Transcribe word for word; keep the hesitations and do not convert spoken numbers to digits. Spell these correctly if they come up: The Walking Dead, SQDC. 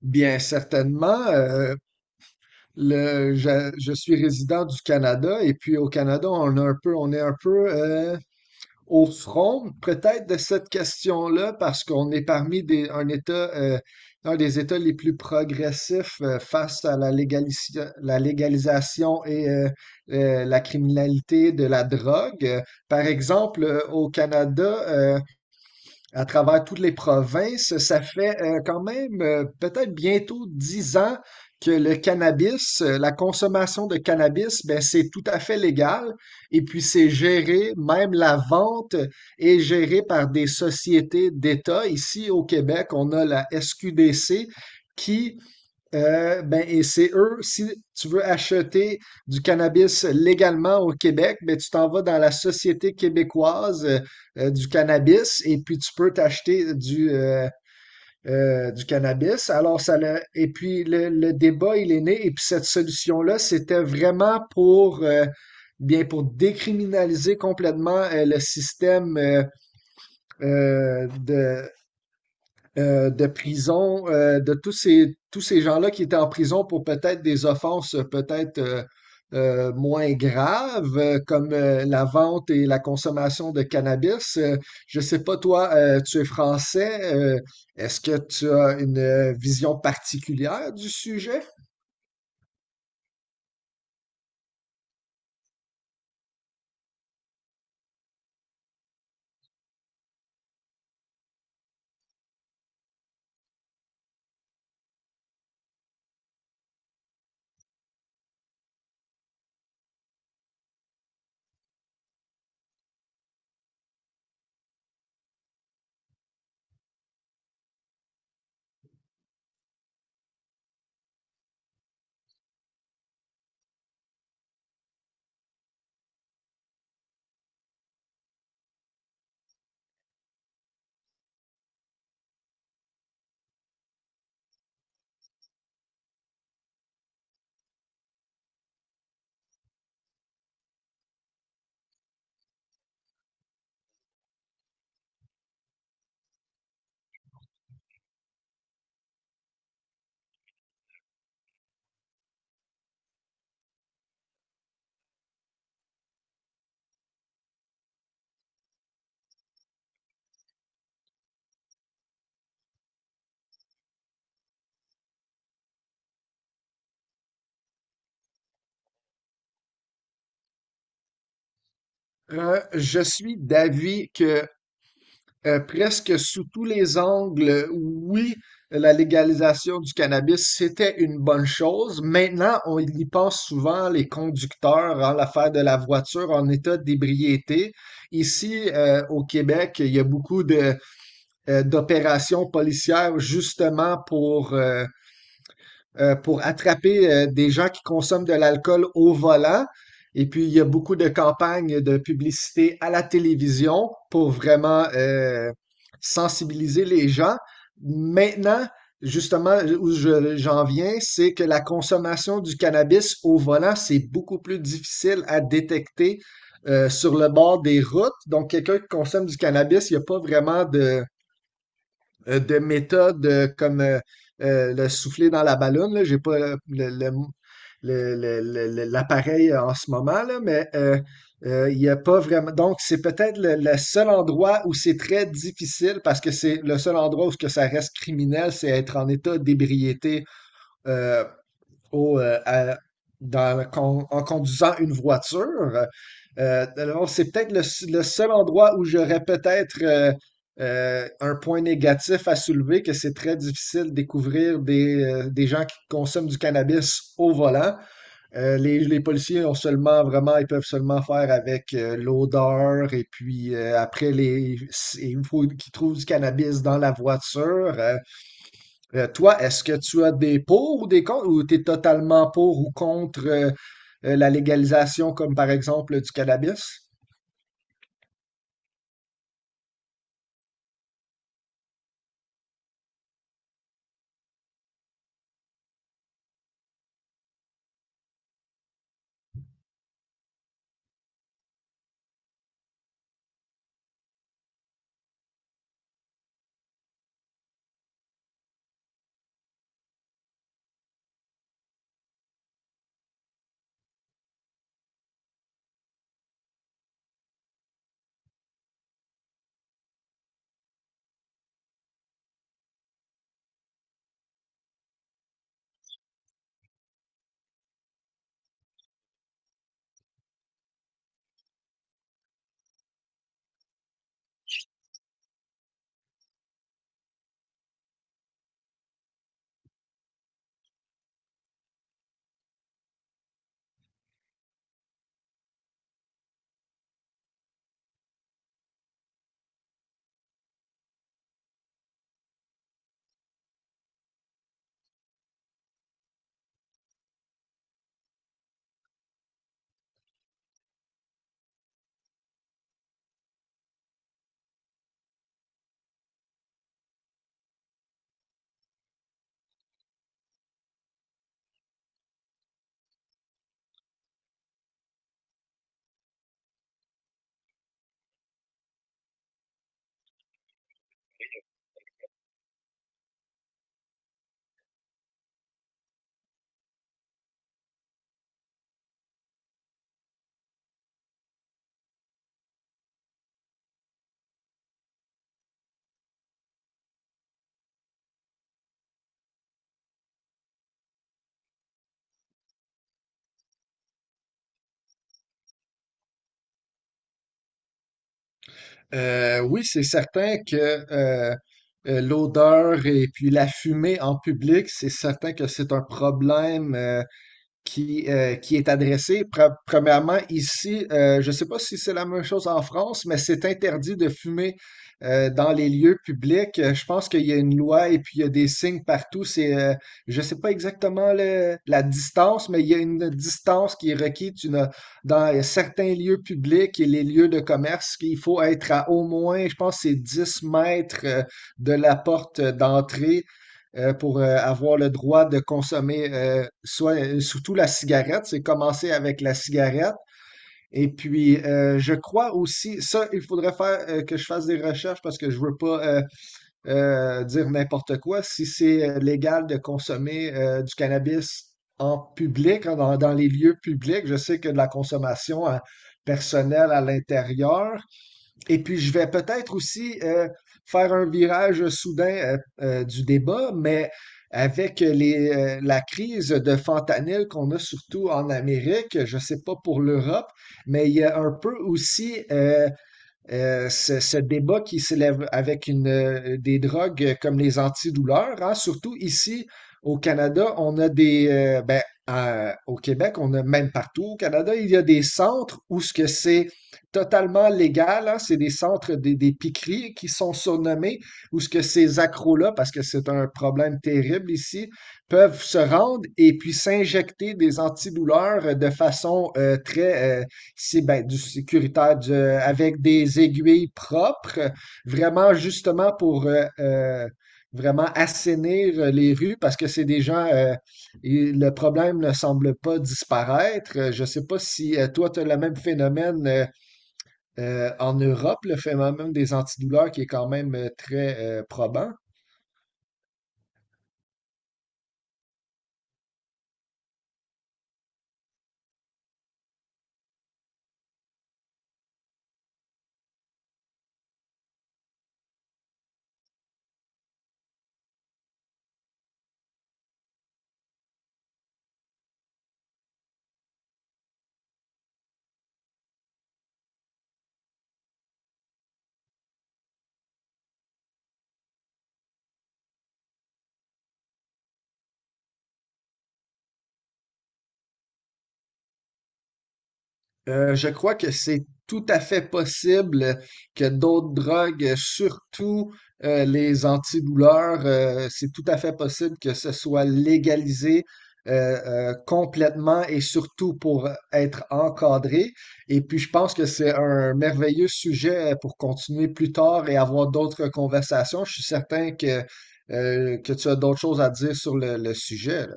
Bien certainement. euh, le, je, je suis résident du Canada et puis au Canada, on a un peu, on est un peu euh, au front peut-être de cette question-là parce qu'on est parmi des, un État, euh, un des États les plus progressifs euh, face à la, légalisi- la légalisation et euh, euh, la criminalité de la drogue. Euh, Par exemple, euh, au Canada, euh, à travers toutes les provinces. Ça fait euh, quand même euh, peut-être bientôt dix ans que le cannabis, euh, la consommation de cannabis, ben, c'est tout à fait légal. Et puis c'est géré, même la vente est gérée par des sociétés d'État. Ici au Québec, on a la S Q D C qui euh, ben, et c'est eux, si tu veux acheter du cannabis légalement au Québec, ben, tu t'en vas dans la Société québécoise euh, euh, du cannabis et puis tu peux t'acheter du, euh, euh, du cannabis. Alors, ça l'a- et puis le, le débat, il est né et puis cette solution-là, c'était vraiment pour, euh, bien, pour décriminaliser complètement euh, le système euh, euh, de, euh, de prison, euh, de tous ces, tous ces gens-là qui étaient en prison pour peut-être des offenses euh, peut-être euh, euh, moins graves, euh, comme euh, la vente et la consommation de cannabis. Euh, je sais pas, toi, euh, tu es français, euh, est-ce que tu as une euh, vision particulière du sujet? Euh, je suis d'avis que Euh, presque sous tous les angles, oui, la légalisation du cannabis, c'était une bonne chose. Maintenant, on y pense souvent, les conducteurs, en l'affaire de la voiture en état d'ébriété. Ici, euh, au Québec, il y a beaucoup de, euh, d'opérations policières justement pour euh, euh, pour attraper euh, des gens qui consomment de l'alcool au volant. Et puis, il y a beaucoup de campagnes de publicité à la télévision pour vraiment euh, sensibiliser les gens. Maintenant, justement, où je- j'en viens, c'est que la consommation du cannabis au volant, c'est beaucoup plus difficile à détecter euh, sur le bord des routes. Donc, quelqu'un qui consomme du cannabis, il n'y a pas vraiment de, euh, de méthodes euh, comme euh, euh, le souffler dans la ballonne là. J'ai pas le- le- le mot- le- le- le- le- l'appareil euh, en ce moment, là, mais euh, euh, il n'y a pas vraiment. Donc, c'est peut-être le, le seul endroit où c'est très difficile parce que c'est le seul endroit où ce que ça reste criminel, c'est être en état d'ébriété euh, au, euh, à- dans la con- en conduisant une voiture. Euh, alors, c'est peut-être le, s- le seul endroit où j'aurais peut-être euh, euh, un point négatif à soulever, que c'est très difficile de découvrir des, euh, des gens qui consomment du cannabis au volant. Euh, les, les policiers ont seulement vraiment, ils peuvent seulement faire avec euh, l'odeur et puis euh, après les, s- il faut qu'ils trouvent du cannabis dans la voiture. Euh, euh, toi, est-ce que tu as des pour ou des contre ou tu es totalement pour ou contre euh, euh, la légalisation comme par exemple du cannabis? Euh, oui, c'est certain que euh, euh, l'odeur et puis la fumée en public, c'est certain que c'est un problème euh, qui, euh, qui est adressée. Pre- Premièrement, ici, euh, je ne sais pas si c'est la même chose en France, mais c'est interdit de fumer euh, dans les lieux publics. Euh, Je pense qu'il y a une loi et puis il y a des signes partout. C'est, euh, je ne sais pas exactement le- la distance, mais il y a une distance qui est requise. Tu n'as- dans certains lieux publics et les lieux de commerce, il faut être à au moins, je pense, que c'est dix mètres euh, de la porte d'entrée euh, pour euh, avoir le droit de consommer euh, soit euh, surtout la cigarette. C'est commencer avec la cigarette. Et puis, euh, je crois aussi, ça, il faudrait faire euh, que je fasse des recherches parce que je veux pas euh, euh, dire n'importe quoi. Si c'est euh, légal de consommer euh, du cannabis en public, hein, dans, dans les lieux publics, je sais que de la consommation euh, personnelle à l'intérieur, et puis, je vais peut-être aussi euh, faire un virage soudain euh, euh, du débat, mais avec les, euh, la crise de fentanyl qu'on a surtout en Amérique, je ne sais pas pour l'Europe, mais il y a un peu aussi euh, euh, ce, ce débat qui s'élève avec une, euh, des drogues comme les antidouleurs, hein, surtout ici au Canada, on a des, euh, ben, à- au Québec, on a même partout au Canada, il y a des centres où ce que c'est totalement légal, hein, c'est des centres des, des piqueries qui sont surnommés, où ce que ces accros-là, parce que c'est un problème terrible ici, peuvent se rendre et puis s'injecter des antidouleurs de façon euh, très euh, c'est ben, du sécuritaire du- avec des aiguilles propres, vraiment justement pour euh, euh, vraiment assainir les rues parce que c'est des gens, euh, et le problème ne semble pas disparaître. Euh, Je ne sais pas si euh, toi, tu as le même phénomène euh, euh, en Europe, le phénomène des antidouleurs qui est quand même euh, très euh, probant. Euh, je crois que c'est tout à fait possible que d'autres drogues, surtout euh, les antidouleurs, euh, c'est tout à fait possible que ce soit légalisé euh, euh, complètement et surtout pour être encadré. Et puis, je pense que c'est un merveilleux sujet pour continuer plus tard et avoir d'autres conversations. Je suis certain que, euh, que tu as d'autres choses à dire sur le, le sujet, là.